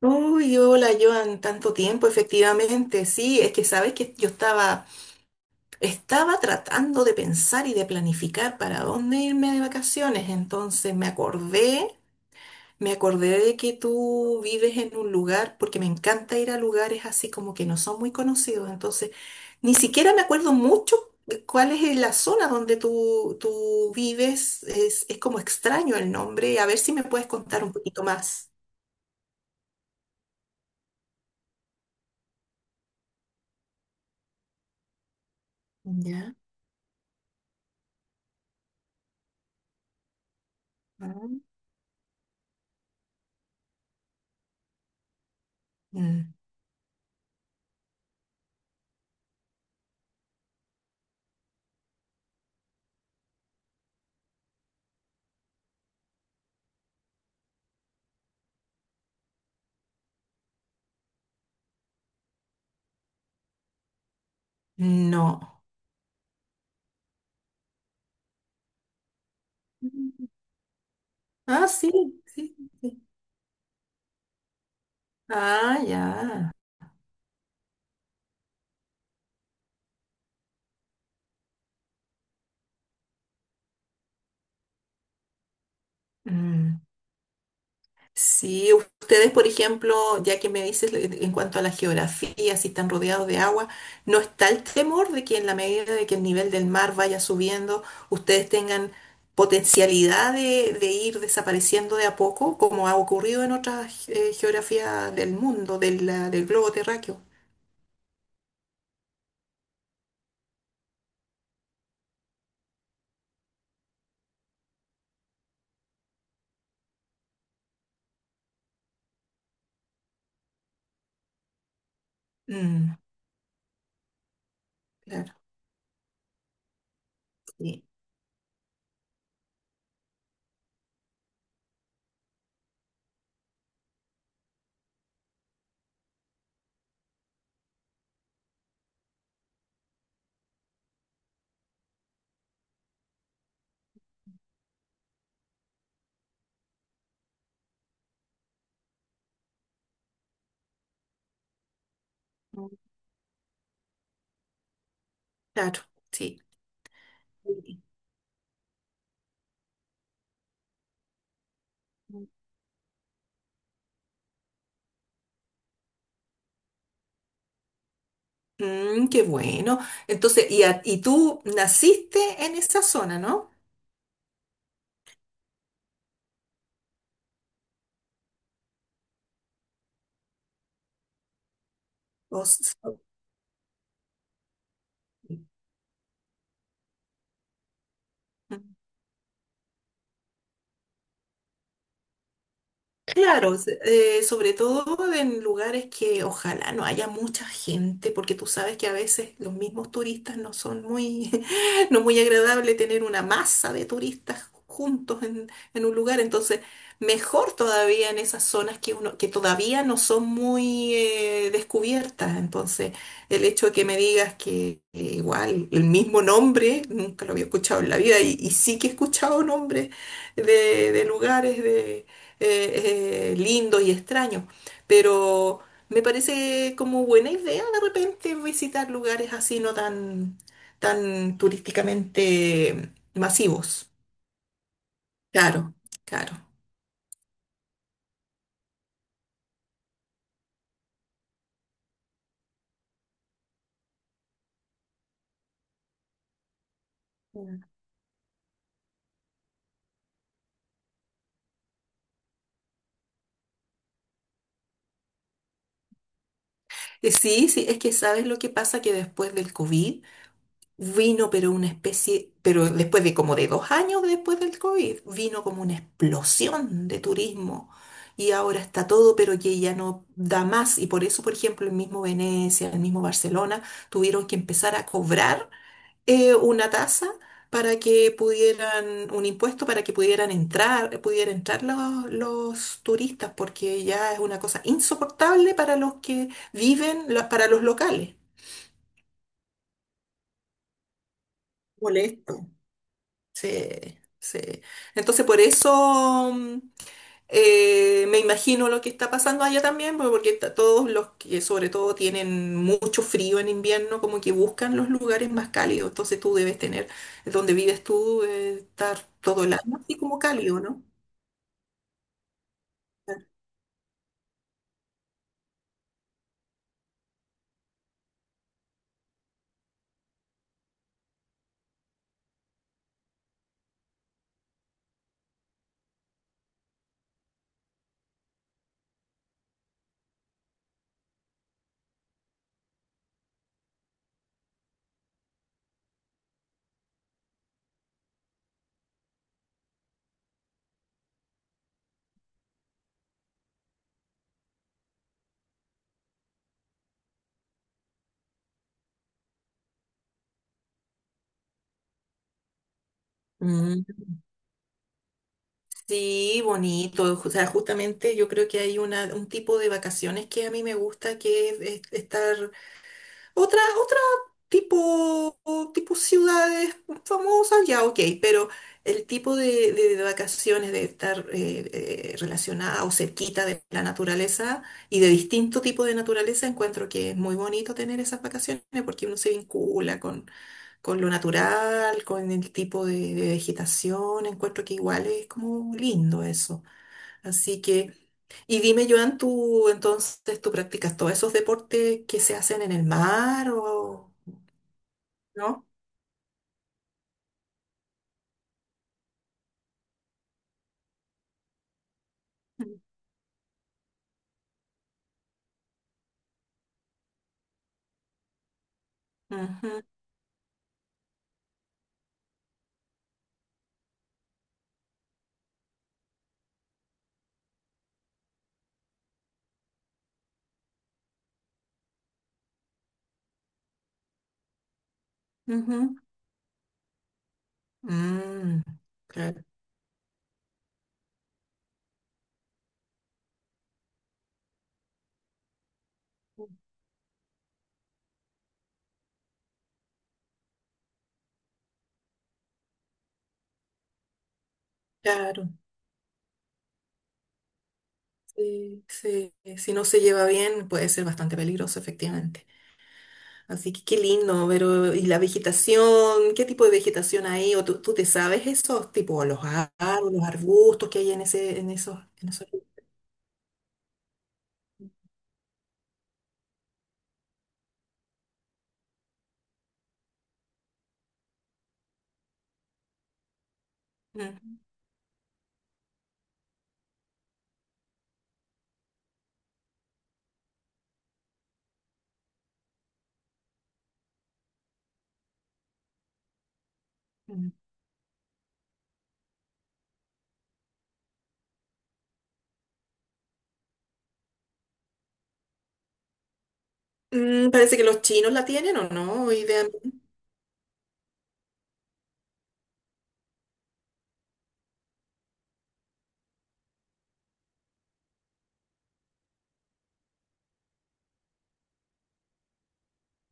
Uy, hola Joan, tanto tiempo, efectivamente. Sí, es que sabes que yo estaba tratando de pensar y de planificar para dónde irme de vacaciones. Entonces me acordé de que tú vives en un lugar, porque me encanta ir a lugares así como que no son muy conocidos. Entonces, ni siquiera me acuerdo mucho de cuál es la zona donde tú vives. Es como extraño el nombre. A ver si me puedes contar un poquito más. Ya. Ah. Mm. No. Ah, sí, sí, sí. Ah, ya. Mm. Sí, ustedes, por ejemplo, ya que me dices en cuanto a la geografía, si están rodeados de agua, ¿no está el temor de que en la medida de que el nivel del mar vaya subiendo, ustedes tengan potencialidad de ir desapareciendo de a poco, como ha ocurrido en otras geografías del mundo, de la- del globo terráqueo? Mm, claro, sí. Mm, claro, sí. Mm, qué bueno. Entonces, y, a- y tú naciste en esa zona, ¿no? O s- ok. Mm. Claro, se- sobre todo en lugares que ojalá no haya mucha gente, porque tú sabes que a veces los mismos turistas no son muy, no es muy agradable tener una masa de turistas juntos en un lugar, entonces mejor todavía en esas zonas que uno, que todavía no son muy descubiertas, entonces el hecho de que me digas que igual el mismo nombre, nunca lo había escuchado en la vida y sí que he escuchado nombres de lugares de lindos y extraños, pero me parece como buena idea de repente visitar lugares así no tan, tan turísticamente masivos. Claro, claro. Sí, sí, es que sabes lo que pasa que después del COVID vino, pero una especie, pero después de como de 2 años después del COVID, vino como una explosión de turismo. Y ahora está todo, pero que ya no da más. Y por eso, por ejemplo, el mismo Venecia, el mismo Barcelona, tuvieron que empezar a cobrar una tasa para que pudieran, un impuesto para que pudieran entrar los turistas, porque ya es una cosa insoportable para los que viven, la- para los locales. Molesto. Sí, sí. Entonces, por eso me imagino lo que está pasando allá también, porque porque está- todos los que sobre todo tienen mucho frío en invierno, como que buscan los lugares más cálidos. Entonces tú debes tener, donde vives tú, estar todo el año así como cálido, ¿no? Mm, sí, bonito. O sea, justamente yo creo que hay una, un tipo de vacaciones que a mí me gusta, que es estar otra tipo, tipo ciudades famosas, ya ok, pero el tipo de vacaciones, de estar relacionada o cerquita de la naturaleza y de distinto tipo de naturaleza, encuentro que es muy bonito tener esas vacaciones porque uno se vincula con lo natural, con el tipo de vegetación, encuentro que igual es como lindo eso. Así que, y dime, Joan, tú entonces, ¿tú practicas todos esos deportes que se hacen en el mar o no? Ajá, ajá. Mm, claro, claro. Sí, sí. Si no se lleva bien, puede ser bastante peligroso, efectivamente. Así que qué lindo, pero ¿y la vegetación? ¿Qué tipo de vegetación hay? ¿O tú te sabes esos tipo los árboles, los arbustos que hay en ese, en esos, en esos? Mm, mm. Mm, parece que los chinos la tienen, ¿o no? Idealmente.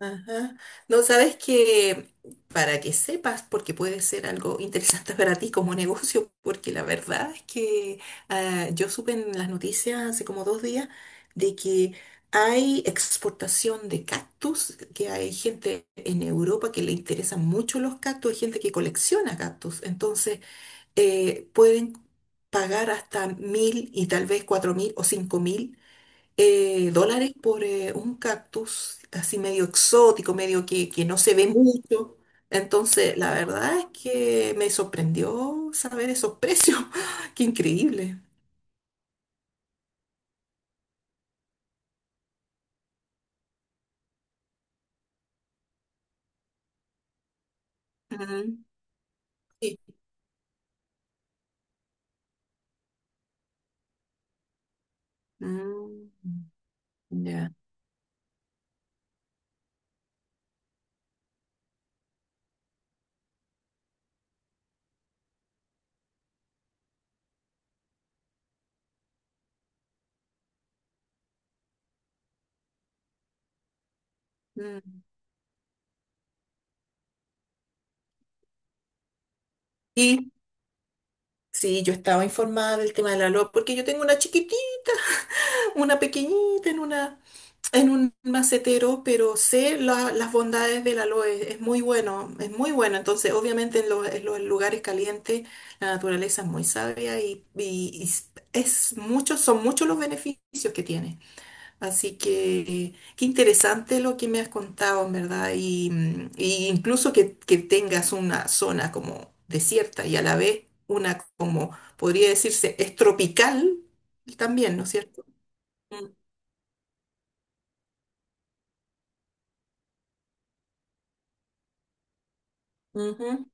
Ajá. No, sabes que para que sepas, porque puede ser algo interesante para ti como negocio, porque la verdad es que ah, yo supe en las noticias hace como 2 días de que hay exportación de cactus, que hay gente en Europa que le interesan mucho los cactus, hay gente que colecciona cactus, entonces pueden pagar hasta 1.000 y tal vez 4.000 o 5.000 dólares por un cactus así medio exótico, medio que no se ve mucho. Entonces, la verdad es que me sorprendió saber esos precios. ¡Qué increíble! Mm, sí. Mm, ya. Mm. Y sí, yo estaba informada del tema de la LOA porque yo tengo una chiquitita una pequeñita en una en un macetero, pero sé la- las bondades del aloe, es muy bueno, es muy bueno. Entonces, obviamente en los lugares calientes la naturaleza es muy sabia y s- es muchos son muchos los beneficios que tiene. Así que qué interesante lo que me has contado, en verdad, y, mm, y incluso que tengas una zona como desierta y a la vez una como podría decirse es tropical también, ¿no es cierto? Ujú.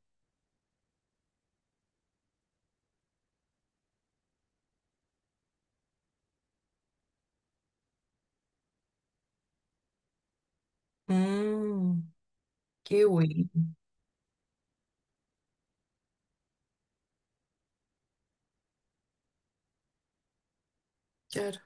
Mm, qué bueno. Claro.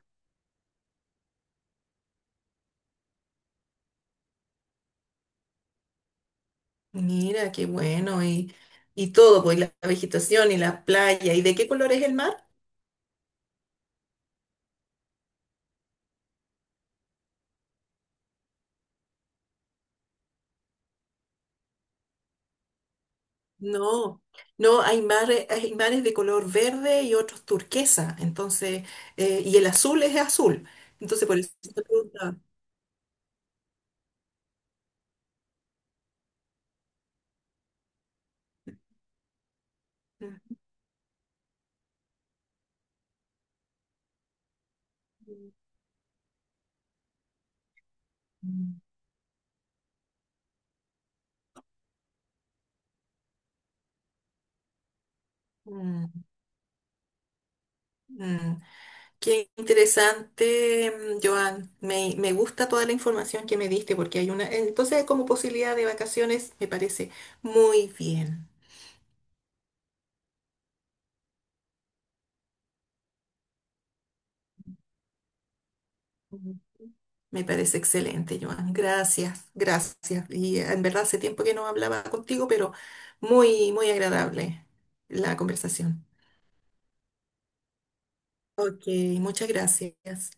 Mira, qué bueno. Y todo, pues la vegetación y la playa. ¿Y de qué color es el mar? No, no, hay mares de color verde y otros turquesa. Entonces, y el azul es azul. Entonces, por eso te preguntaba. Mm, mm, mm. Mm. Qué interesante, mm, Joan. Me gusta toda la información que me diste porque hay una... Entonces, como posibilidad de vacaciones, me parece muy bien. Ujú. Me parece excelente, Joan. Gracias, gracias. Y en verdad hace tiempo que no hablaba contigo, pero muy, muy agradable la conversación. Ok, muchas gracias.